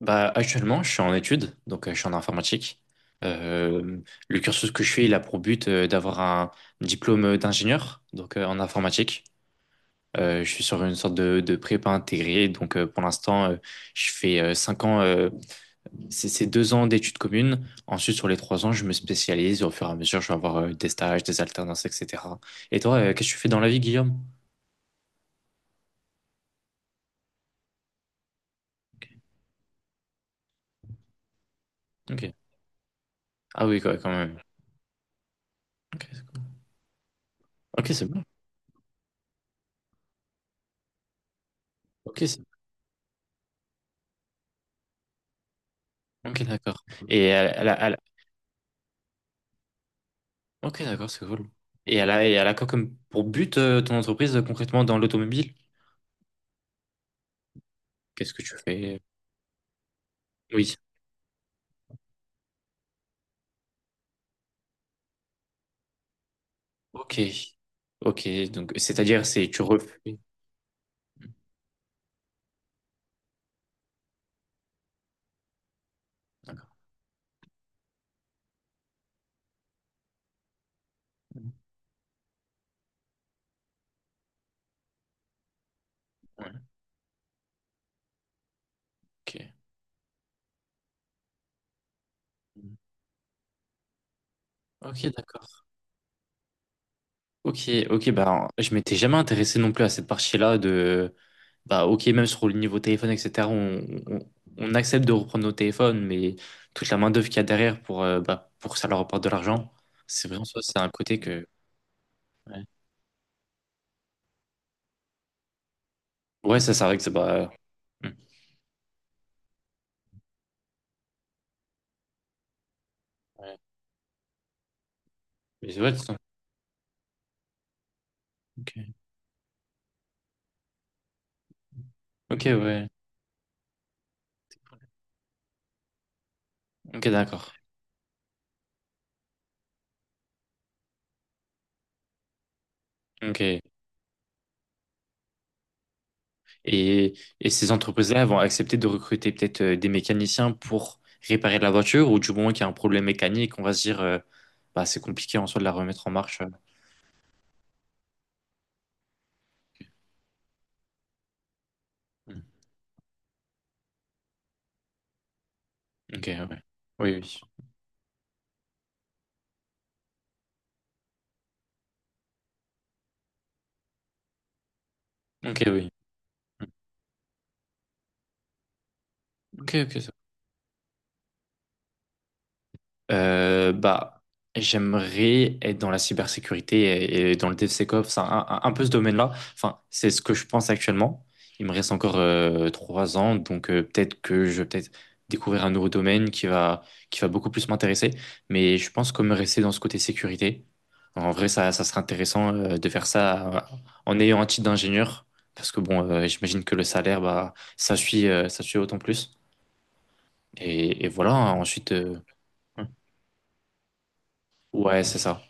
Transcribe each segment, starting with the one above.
Bah, actuellement, je suis en études, donc je suis en informatique. Euh, le cursus que je fais, il a pour but d'avoir un diplôme d'ingénieur, donc en informatique. Je suis sur une sorte de prépa intégrée, donc pour l'instant, je fais 5 ans, c'est 2 ans d'études communes. Ensuite, sur les 3 ans, je me spécialise, et au fur et à mesure, je vais avoir des stages, des alternances, etc. Et toi, qu'est-ce que tu fais dans la vie, Guillaume? Ok. Ah oui, quoi, quand même. Ok, c'est cool. Ok, c'est bon. Bon, ok, d'accord. Et à, à la, à la- Ok, d'accord, c'est cool. Et elle a quoi comme pour but ton entreprise concrètement dans l'automobile? Qu'est-ce que tu fais? Oui. Ok. Ok, donc c'est-à-dire c'est tu refais. D'accord. Ouais, ok. Ok, d'accord. Ok, ok, bah je m'étais jamais intéressé non plus à cette partie-là de bah ok, même sur le niveau téléphone, etc. On accepte de reprendre nos téléphones, mais toute la main-d'œuvre qu'il y a derrière pour, bah, pour que ça leur apporte de l'argent, c'est vraiment ça, c'est un côté que. Ouais, ouais, ça, c'est vrai que c'est bah. Hmm. Mais ouais, ça. Ok, ok, ouais. Ok, d'accord. Ok. Et, et ces entreprises-là vont accepter de recruter peut-être des mécaniciens pour réparer la voiture ou du moment qu'il y a un problème mécanique, on va se dire, bah, c'est compliqué en soi de la remettre en marche. Mm. Ok, ouais. Oui, oui. Ok, oui. Mm. Ok, ok, ça. Bah, j'aimerais être dans la cybersécurité et dans le DevSecOps, enfin, un peu ce domaine-là. Enfin, c'est ce que je pense actuellement. Il me reste encore 3 ans, donc peut-être que je vais peut-être découvrir un nouveau domaine qui va beaucoup plus m'intéresser. Mais je pense que me rester dans ce côté sécurité, en vrai, ça serait intéressant de faire ça en ayant un titre d'ingénieur, parce que bon, j'imagine que le salaire, bah, ça suit autant plus. Et voilà, hein, ensuite, ouais, c'est ça.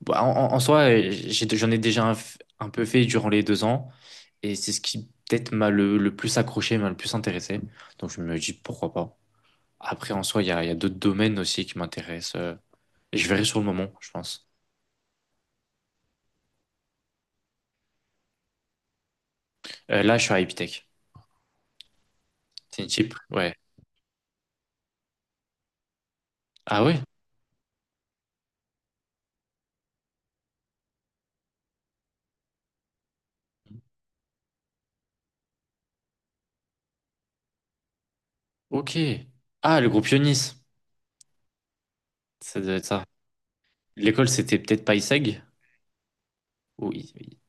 Bah, en soi, j'en ai déjà un, un peu fait durant les 2 ans. Et c'est ce qui peut-être m'a le plus accroché, m'a le plus intéressé. Donc je me dis pourquoi pas. Après, en soi, il y a d'autres domaines aussi qui m'intéressent. Et je verrai sur le moment, je pense. Là, je suis à Epitech. C'est une chip. Ouais. Ah ouais? Ok. Ah, le groupe Ionis. Ça doit être ça. L'école, c'était peut-être payseg. Oui. Oui.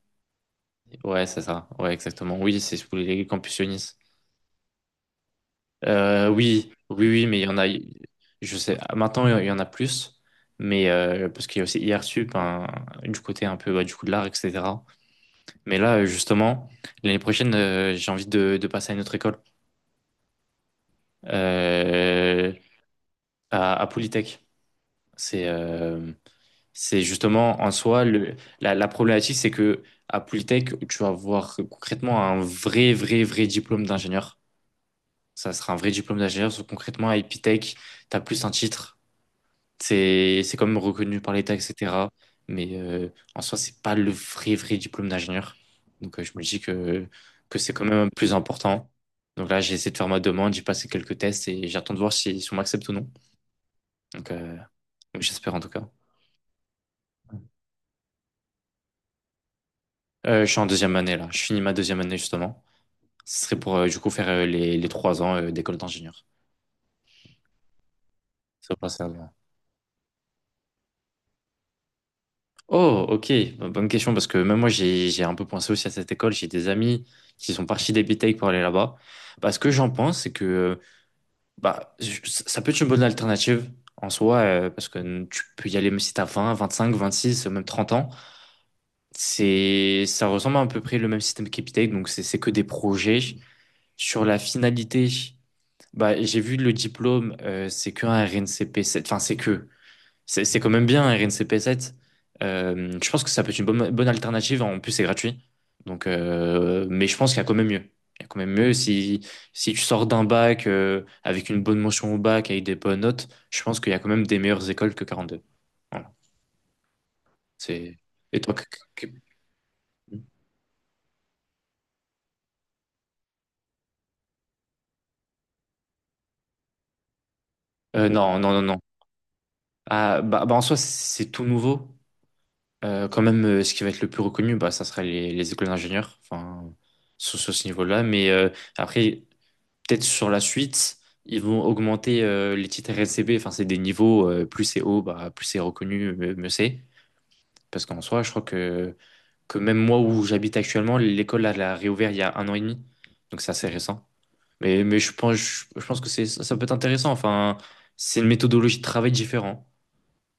Ouais, c'est ça. Ouais, exactement. Oui, c'est sous les campus Ionis. Oui, oui, oui, mais il y en a, je sais, maintenant il y en a plus, mais parce qu'il y a aussi IRSUP, hein, du côté un peu bah, du coup de l'art, etc. Mais là, justement, l'année prochaine, j'ai envie de passer à une autre école, euh, à Polytech. C'est euh, c'est justement en soi, la problématique, c'est que à Polytech, tu vas avoir concrètement un vrai, vrai, vrai diplôme d'ingénieur. Ça sera un vrai diplôme d'ingénieur, sauf que concrètement à Epitech, tu as plus un titre. C'est quand même reconnu par l'État, etc. Mais en soi, c'est pas le vrai, vrai diplôme d'ingénieur. Donc je me dis que c'est quand même plus important. Donc là, j'ai essayé de faire ma demande, j'ai passé quelques tests et j'attends de voir si on m'accepte ou non. Donc, euh, donc j'espère en tout cas. Je suis en deuxième année là, je finis ma deuxième année justement. Ce serait pour du coup faire les 3 ans d'école d'ingénieur. Ça passe à... Oh, ok. Bonne question parce que même moi j'ai un peu pensé aussi à cette école. J'ai des amis qui sont partis des BTEC pour aller là-bas. Bah, ce que j'en pense, c'est que bah, ça peut être une bonne alternative en soi parce que tu peux y aller même si t'as 20 25 26 même 30 ans. C'est, ça ressemble à peu près le même système qu'EPITEC, donc c'est que des projets. Sur la finalité, bah, j'ai vu le diplôme, c'est que un RNCP, enfin c'est que. C'est quand même bien, RNCP7. Je pense que ça peut être une bonne, bonne alternative. En plus, c'est gratuit. Donc, mais je pense qu'il y a quand même mieux. Il y a quand même mieux si tu sors d'un bac avec une bonne mention au bac, avec des bonnes notes, je pense qu'il y a quand même des meilleures écoles que 42. Voilà. C'est... Et toi, que- non, non, non, non. Ah, bah, bah, en soi, c'est tout nouveau. Quand même, ce qui va être le plus reconnu, bah, ça sera les écoles d'ingénieurs, enfin, sur ce niveau-là. Mais après, peut-être sur la suite, ils vont augmenter les titres RSCB. Enfin, c'est des niveaux, plus c'est haut, bah, plus c'est reconnu, mieux, mieux c'est. Parce qu'en soi, je crois que même moi où j'habite actuellement, l'école elle a réouvert il y a un an et demi. Donc c'est assez récent. Mais je pense, je pense que c'est, ça peut être intéressant. Enfin, c'est une méthodologie de travail différente.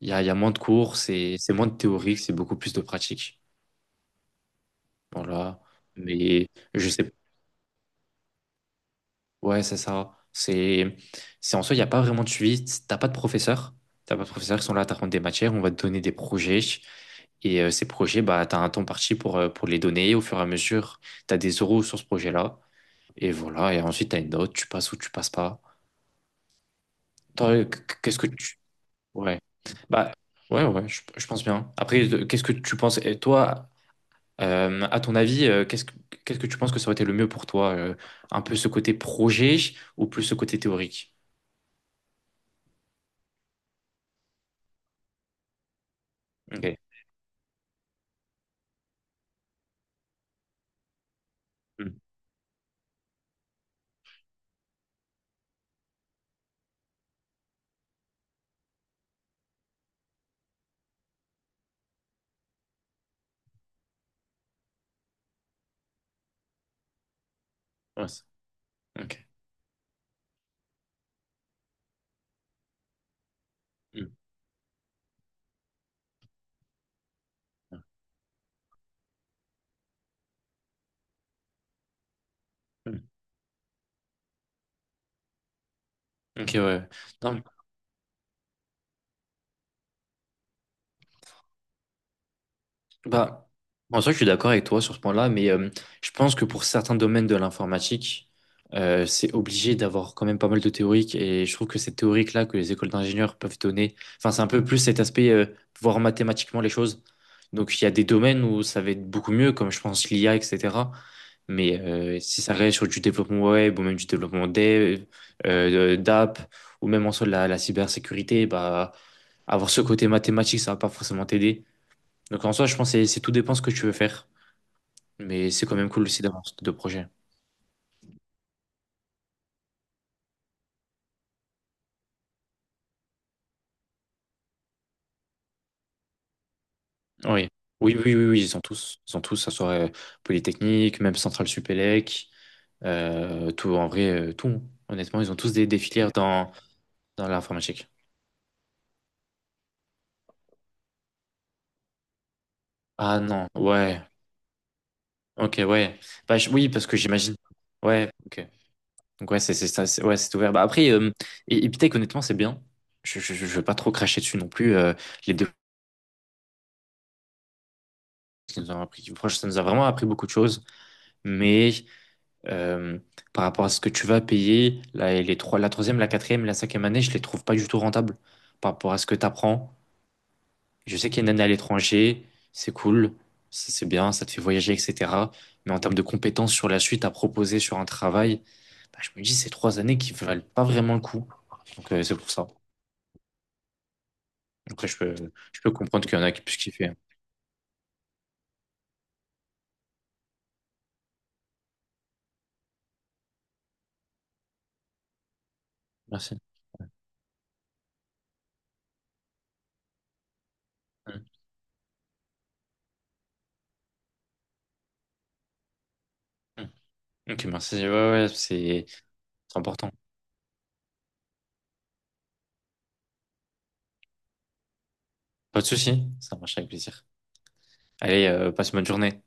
Il y a moins de cours, c'est moins de théorique, c'est beaucoup plus de pratique. Voilà. Mais je sais. Ouais, c'est ça. C'est en soi, il n'y a pas vraiment de suivi. T'as pas de professeurs. T'as pas de professeurs qui sont là à t'apprendre des matières. On va te donner des projets. Et ces projets, bah, tu as un temps parti pour les donner au fur et à mesure. Tu as des euros sur ce projet-là. Et voilà. Et ensuite, tu as une note. Tu passes ou tu passes pas. Toi, qu'est-ce que tu. Ouais. Bah, ouais, ouais, je pense bien. Après, qu'est-ce que tu penses? Et toi, à ton avis, qu'est-ce que tu penses que ça aurait été le mieux pour toi? Un peu ce côté projet ou plus ce côté théorique? Ok. Mm. Ouais, ok. Mm. Mm. Ok, ouais, ouais. Non, bah, en soi, je suis d'accord avec toi sur ce point-là, mais je pense que pour certains domaines de l'informatique, c'est obligé d'avoir quand même pas mal de théoriques. Et je trouve que cette théorique-là que les écoles d'ingénieurs peuvent donner, enfin, c'est un peu plus cet aspect, voir mathématiquement les choses. Donc, il y a des domaines où ça va être beaucoup mieux, comme je pense l'IA, etc. Mais si ça reste sur du développement web ou même du développement dev, d'app, ou même en soi de la cybersécurité, bah, avoir ce côté mathématique, ça va pas forcément t'aider. Donc en soi, je pense que c'est tout dépend ce que tu veux faire. Mais c'est quand même cool aussi d'avoir ce type de projet. Oui. Oui, oui, oui, oui, ils sont tous. Ils sont tous, ça serait Polytechnique, même Centrale Supélec, tout, en vrai, tout, hein. Honnêtement, ils ont tous des filières dans l'informatique. Ah non, ouais. Ok, ouais. Bah, oui, parce que j'imagine. Ouais, ok. Donc ouais, c'est ça, ouais, c'est ouvert. Bah, après, et Epitech, honnêtement, c'est bien. Je veux pas trop cracher dessus non plus. Les deux, ça nous a appris, franchement, ça nous a vraiment appris beaucoup de choses. Mais euh, par rapport à ce que tu vas payer, les trois, la troisième, la quatrième, la cinquième année, je les trouve pas du tout rentables par rapport à ce que tu apprends. Je sais qu'il y a une année à l'étranger, c'est cool, c'est bien, ça te fait voyager, etc. Mais en termes de compétences sur la suite à proposer sur un travail, bah, je me dis ces 3 années qui valent pas vraiment le coup. Donc c'est pour ça. Après, je peux comprendre qu'il y en a qui puissent kiffer. Merci. Mm. Mm. Ok, merci. Ouais, ouais, c'est important. Pas de souci, ça marche avec plaisir. Allez, passe une bonne journée.